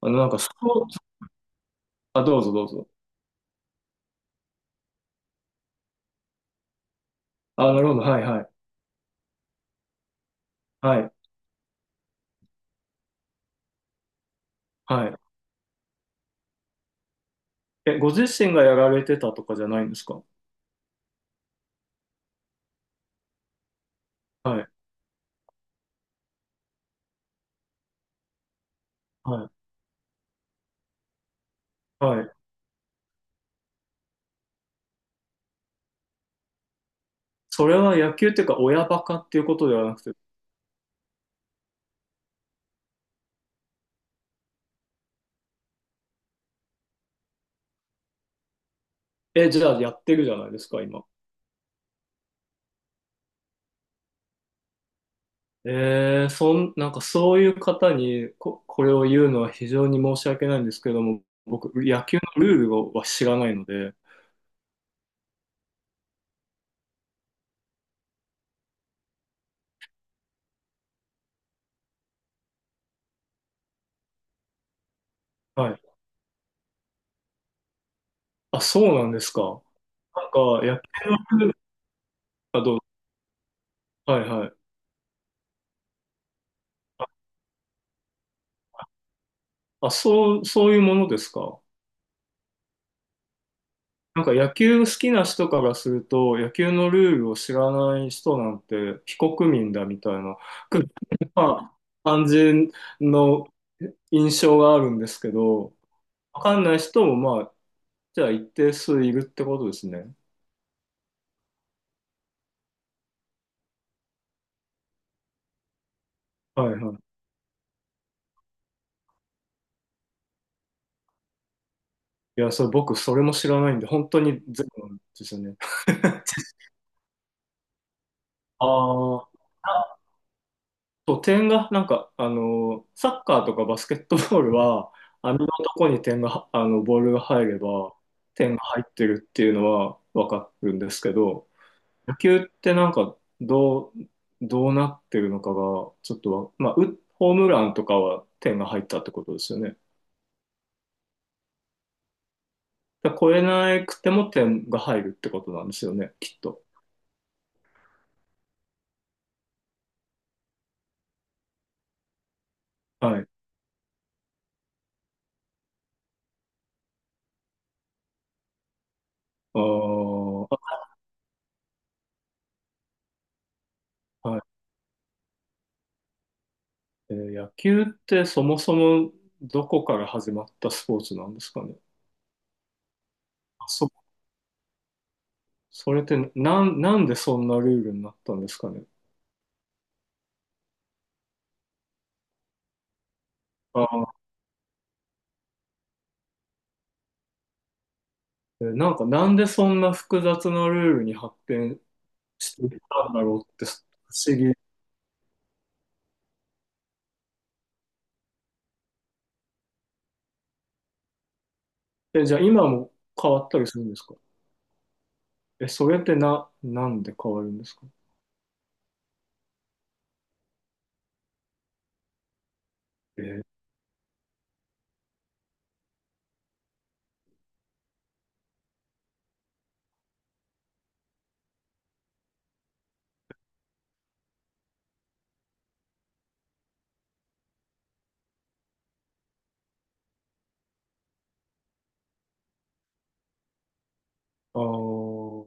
なんか、スポーツ、あ、どうぞどうぞ。あ、なるほど。はい、はい。はい、はい。え、ご自身がやられてたとかじゃないんですか？はい、はい、はい。それは野球っていうか、親バカっていうことではなくて、え、じゃあやってるじゃないですか、今。なんかそういう方にこれを言うのは非常に申し訳ないんですけれども、僕、野球のルールをは知らないので、はい。あ、そうなんですか。なんか、野球のルールはどう、はいはい。あ、そう、そういうものですか。なんか野球好きな人からすると、野球のルールを知らない人なんて非国民だみたいな、くまあ感じの印象があるんですけど、わかんない人もまあ、じゃあ一定数いるってことですね。はいはい。いや、それ僕それも知らないんで、本当にゼロなんですよね。ああ。そう、点が、なんか、サッカーとかバスケットボールは、網のとこに点が、ボールが入れば、点が入ってるっていうのはわかるんですけど、野球ってなんか、どうなってるのかが、ちょっとわ、まあ、ホームランとかは点が入ったってことですよね。だから超えなくても点が入るってことなんですよね、きっと。はい。あーあ、はい。野球ってそもそもどこから始まったスポーツなんですかね。あそそれってなんでそんなルールになったんですかね。あー、なんかなんでそんな複雑なルールに発展していったんだろうって不思議。え、じゃあ今も変わったりするんですか？え、それってなんで変わるんですか？えー、あー、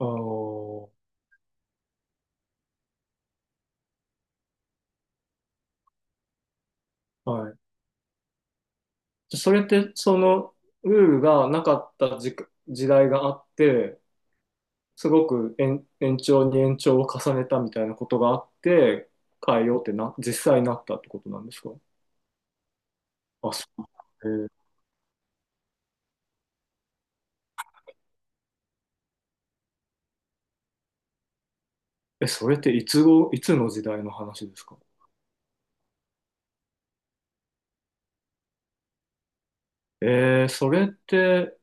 あー、はい。じゃあそれってそのルールがなかった時代があって、すごく延長に延長を重ねたみたいなことがあって、変えようって実際になったってことなんですか？あ、そう。えーえ、それっていつの時代の話ですか？それって、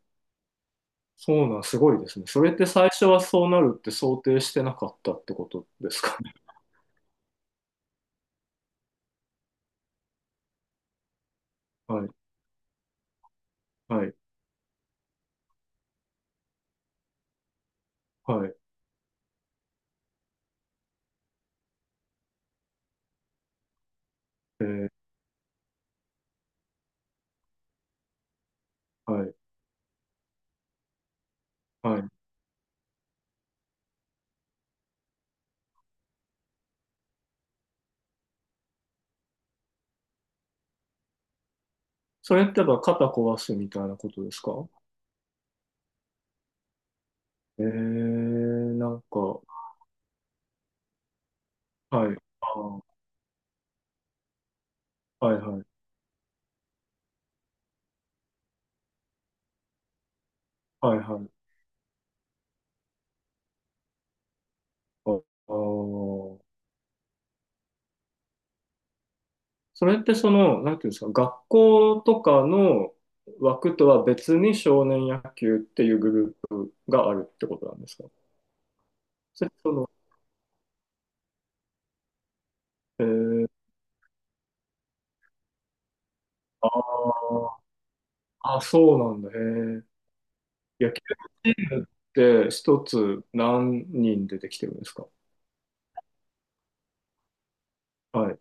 そうなん、すごいですね。それって最初はそうなるって想定してなかったってことですかね。はい、はい、はい、えー、はい、はい。それってやっぱ肩壊すみたいなことですか？えー、なんか、はい、あー、はい、はい、はい、はい、ああー。それってその、なんていうんですか、学校とかの枠とは別に少年野球っていうグループがあるってことなんですか？それとも、えー、あーあ、そうなんだ、へえ。野球チームって一つ何人出てきてるんですか？はい。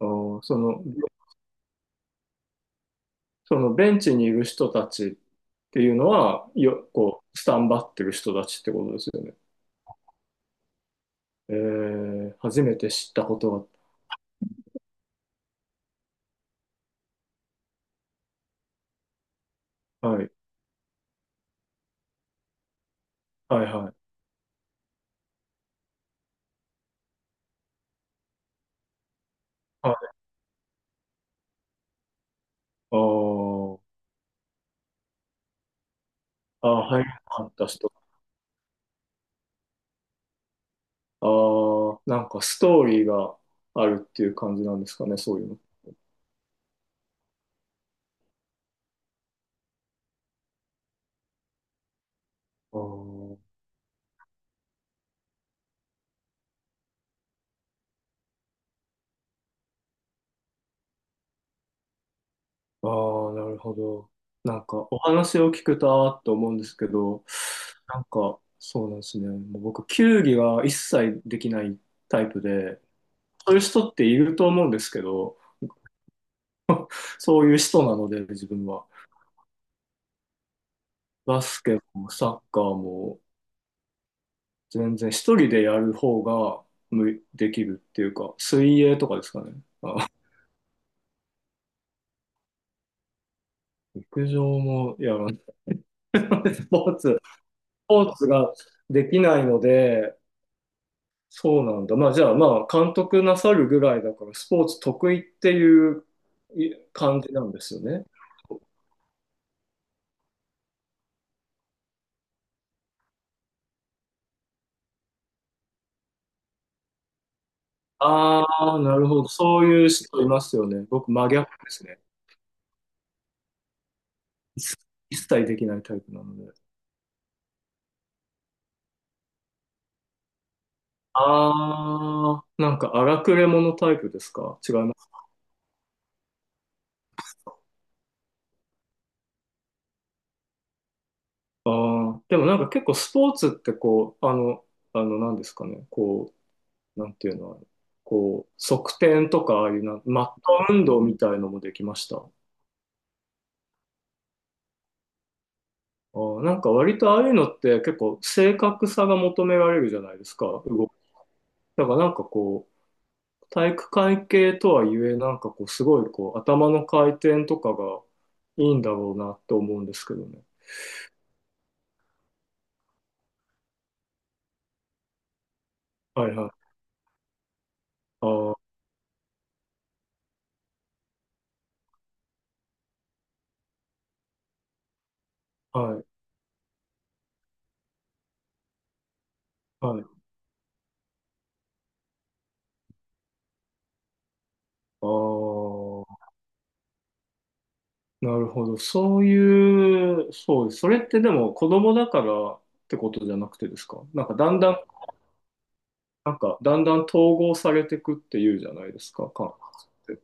あー、そのベンチにいる人たちっていうのは、こう、スタンバってる人たちってことですよね。えー、初めて知ったことが、はい、はい、はい。あーあー、はい。なああ、なんかストーリーがあるっていう感じなんですかね、そういうの。あーあー、なるほど。なんかお話を聞くとあーって思うんですけど、なんかそうなんですね。もう僕、球技は一切できないタイプで、そういう人っていると思うんですけど、そういう人なので、自分は。バスケもサッカーも、全然一人でやる方ができるっていうか、水泳とかですかね。あ、陸上もやらない。スポーツ、スポーツができないので、そうなんだ。まあじゃあまあ監督なさるぐらいだからスポーツ得意っていう感じなんですよね。ああ、なるほど。そういう人いますよね。僕真逆ですね。一一切できないタイプなので。ああ、なんか荒くれ者タイプですか？ああ、でもなんか結構スポーツってこう、なんですかね、こう、なんていうの、あれこう、側転とか、ああいうな、マット運動みたいのもできました。ああ、なんか割とああいうのって結構正確さが求められるじゃないですか、動き。だからなんかこう、体育会系とはいえ、なんかこう、すごいこう、頭の回転とかがいいんだろうなって思うんですけどね。はいはい。ああ、はい、はい。ああ。なるほど。そういう、そうです、それってでも子供だからってことじゃなくてですか？なんかだんだん統合されていくっていうじゃないですか、感覚って。